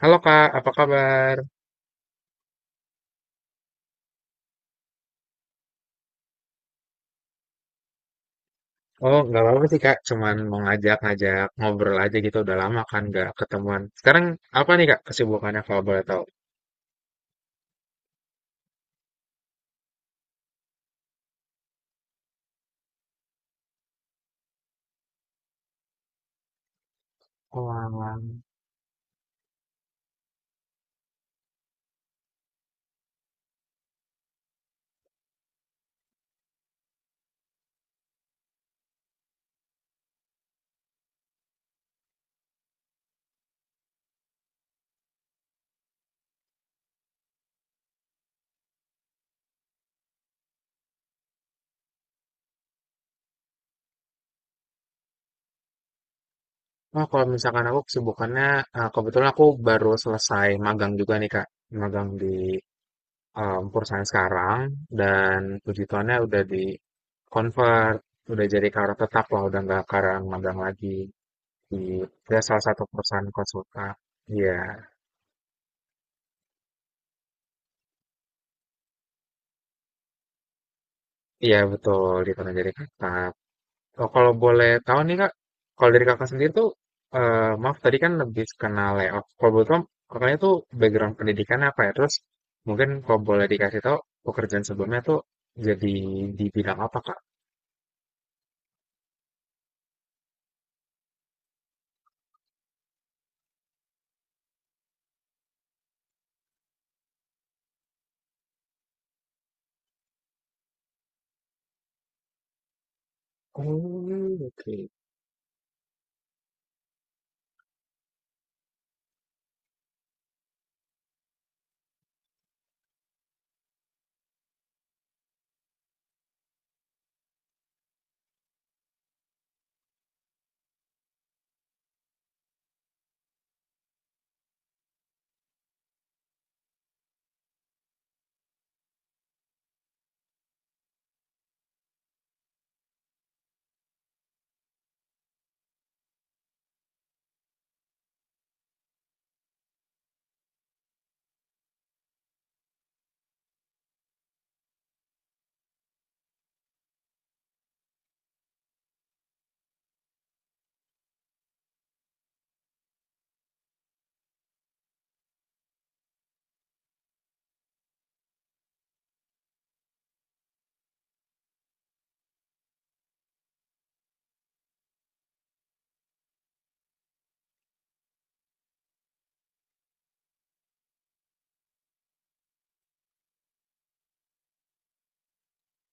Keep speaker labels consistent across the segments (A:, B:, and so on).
A: Halo Kak, apa kabar? Oh, nggak apa-apa sih Kak, cuman mau ngajak-ngajak ngobrol aja gitu, udah lama kan nggak ketemuan. Sekarang apa nih Kak kesibukannya kalau boleh tahu? Wah, oh, kalau misalkan aku kesibukannya, kebetulan aku baru selesai magang juga nih Kak, magang di perusahaan sekarang, dan puji Tuhannya udah di convert, udah jadi karyawan tetap lah, udah nggak karang magang lagi di ya, salah satu perusahaan konsultan. Iya. Iya betul, ditonton dari kakak. Oh, kalau boleh tahu nih Kak, kalau dari kakak sendiri tuh, maaf tadi kan lebih kenal layout. Kalau boleh tahu, kakaknya tuh background pendidikan apa ya? Terus mungkin kalau boleh dikasih tahu, pekerjaan sebelumnya tuh jadi di bidang apa Kak? Oh, oke.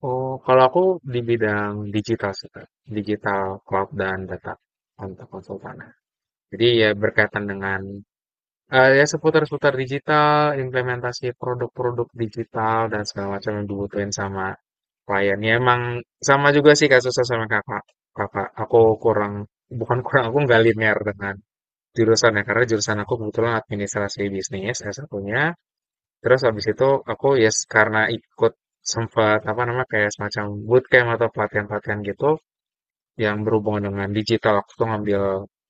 A: Oh, kalau aku di bidang digital sih Kak, digital cloud dan data untuk konsultan. Jadi ya berkaitan dengan ya seputar-seputar digital, implementasi produk-produk digital dan segala macam yang dibutuhin sama klien. Ya emang sama juga sih kasusnya sama Kakak Kakak. Aku kurang bukan kurang, aku nggak linear dengan jurusan ya, karena jurusan aku kebetulan administrasi bisnis salah satunya terus habis itu aku yes karena ikut sempat apa namanya, kayak semacam bootcamp atau pelatihan-pelatihan gitu yang berhubungan dengan digital. Aku tuh ngambil,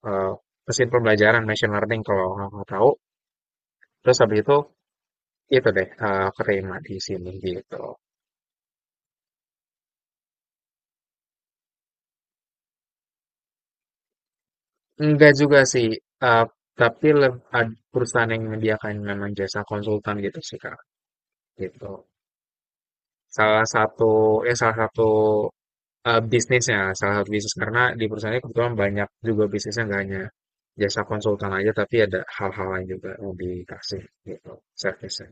A: eee, mesin pembelajaran machine learning kalau nggak tahu. Terus habis itu deh, Prima di sini gitu. Enggak juga sih, eee, tapi leb ad perusahaan yang menyediakan memang jasa konsultan gitu sih, Kak, gitu. Salah satu ya salah satu, bisnisnya, salah satu bisnis karena di perusahaannya kebetulan banyak juga bisnisnya nggak hanya jasa konsultan aja, tapi ada hal-hal lain juga yang dikasih gitu servisnya.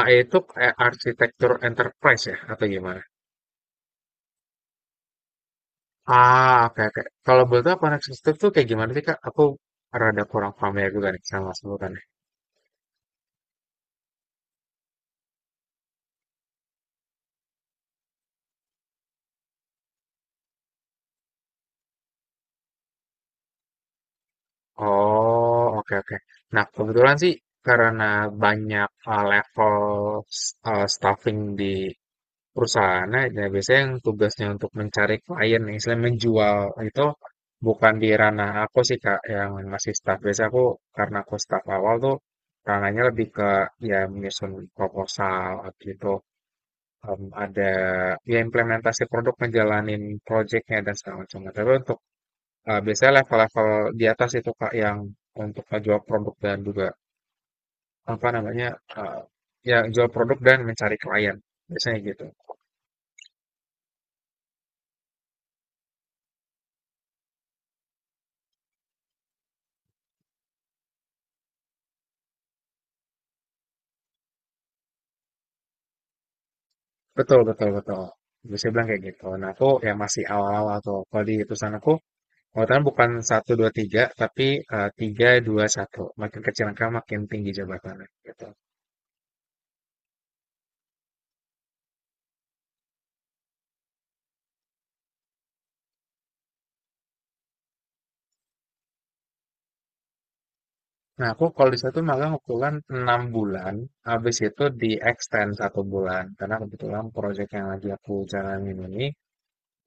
A: AE itu kayak arsitektur enterprise ya atau gimana? Ah, oke, oke. Kalau boleh tahu Connect System tuh kayak gimana sih, Kak? Aku rada kurang familiar juga nih sama sebutannya. Oh, oke, oke. Nah, kebetulan sih karena banyak level staffing di perusahaannya, ya biasanya yang tugasnya untuk mencari klien, misalnya menjual itu bukan di ranah aku sih, Kak, yang masih staff. Biasanya aku, karena aku staff awal tuh, ranahnya lebih ke ya menyusun proposal gitu, ada ya implementasi produk ngejalanin projectnya dan segala macamnya. Tapi untuk biasanya level-level di atas itu Kak yang untuk jual produk dan juga apa namanya uh, ya jual produk dan mencari klien biasanya gitu. Betul betul betul. Bisa bilang kayak gitu. Nah aku ya masih awal-awal atau kalau di perusahaan aku Pengetahuan bukan satu dua tiga tapi tiga dua satu. Makin kecil angka makin tinggi jabatannya gitu. Nah, aku kalau di situ malah kebetulan enam bulan, habis itu di extend satu bulan. Karena kebetulan proyek yang lagi aku jalanin ini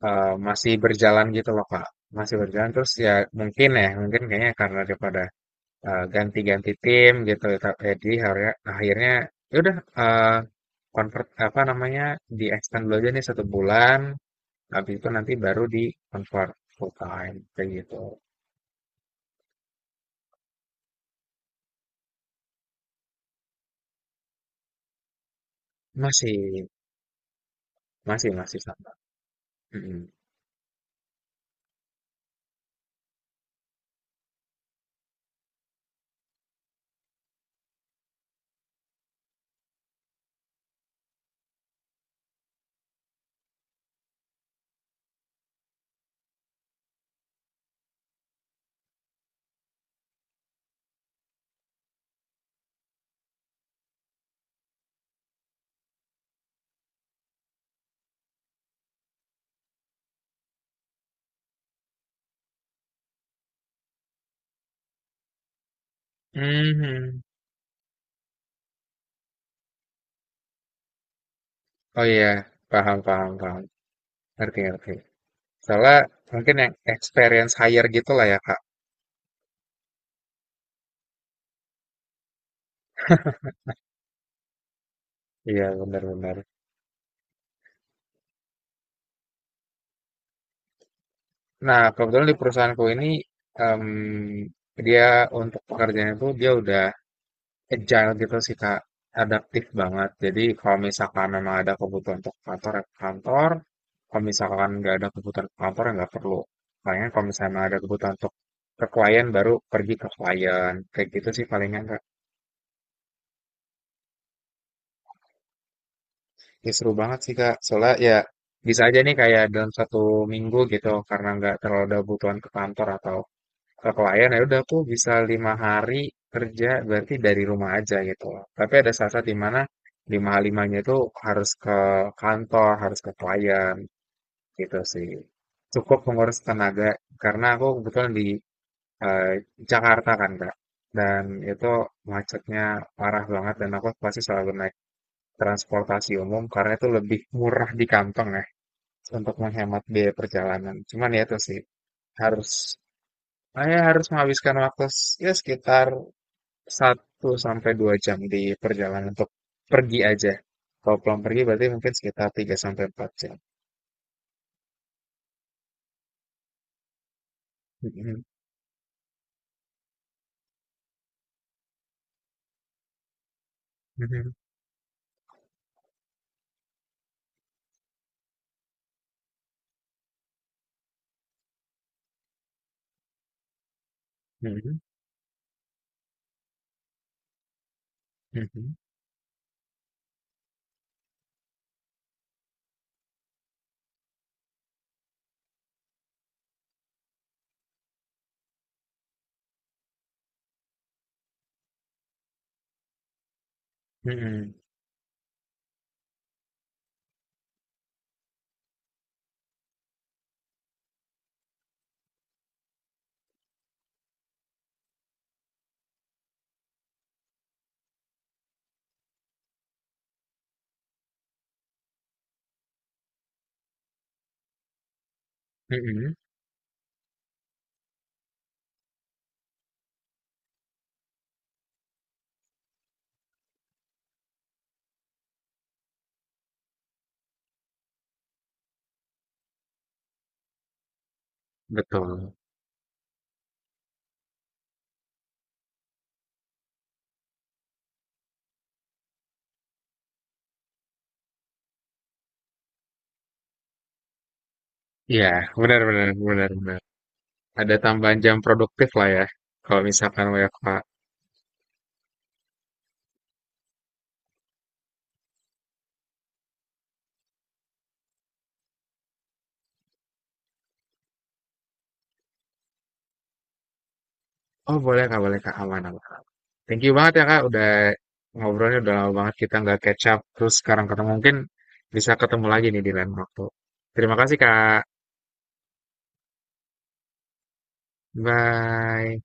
A: masih berjalan gitu loh, Kak. Masih berjalan terus ya, mungkin kayaknya karena daripada ganti-ganti tim gitu. Jadi akhirnya, ya udah eh, convert apa namanya di extend dulu aja nih satu bulan. Habis itu nanti baru di convert full time kayak gitu. Masih, masih, masih sama. Mm-mm. Mhm. Oh iya, paham, paham, paham. Ngerti, ngerti. Soalnya mungkin yang experience higher gitu lah ya, Kak. Iya, benar-benar. Nah, kebetulan di perusahaanku ini, em, dia untuk pekerjaan itu dia udah agile gitu sih, Kak. Adaptif banget. Jadi kalau misalkan memang ada kebutuhan untuk kantor, ya ke kantor. Kalau misalkan nggak ada kebutuhan ke kantor, ya nggak perlu. Palingan kalau misalnya memang ada kebutuhan untuk ke klien, baru pergi ke klien. Kayak gitu sih palingan, ya, seru banget sih Kak. Soalnya ya bisa aja nih kayak dalam satu minggu gitu karena nggak terlalu ada kebutuhan ke kantor atau ke klien ya udah aku bisa lima hari kerja berarti dari rumah aja gitu loh. Tapi ada saat-saat di mana lima hari limanya itu harus ke kantor, harus ke klien gitu sih. Cukup menguras tenaga karena aku kebetulan di eh, Jakarta kan Kak. Dan itu macetnya parah banget dan aku pasti selalu naik transportasi umum karena itu lebih murah di kantong ya untuk menghemat biaya perjalanan. Cuman ya itu sih harus harus menghabiskan waktu ya sekitar satu sampai 2 jam di perjalanan untuk pergi aja. Kalau pulang pergi berarti mungkin sekitar 3 sampai 4 jam. Mhm, mhm, mhm, mhm, mhm, mhm. Betul. Iya, benar benar benar benar. Ada tambahan jam produktif lah ya. Kalau misalkan WFH. Oh, boleh Kak, aman aman. Thank you banget ya Kak, udah ngobrolnya udah lama banget kita nggak catch up. Terus sekarang ketemu mungkin bisa ketemu lagi nih di lain waktu. Terima kasih Kak. Bye.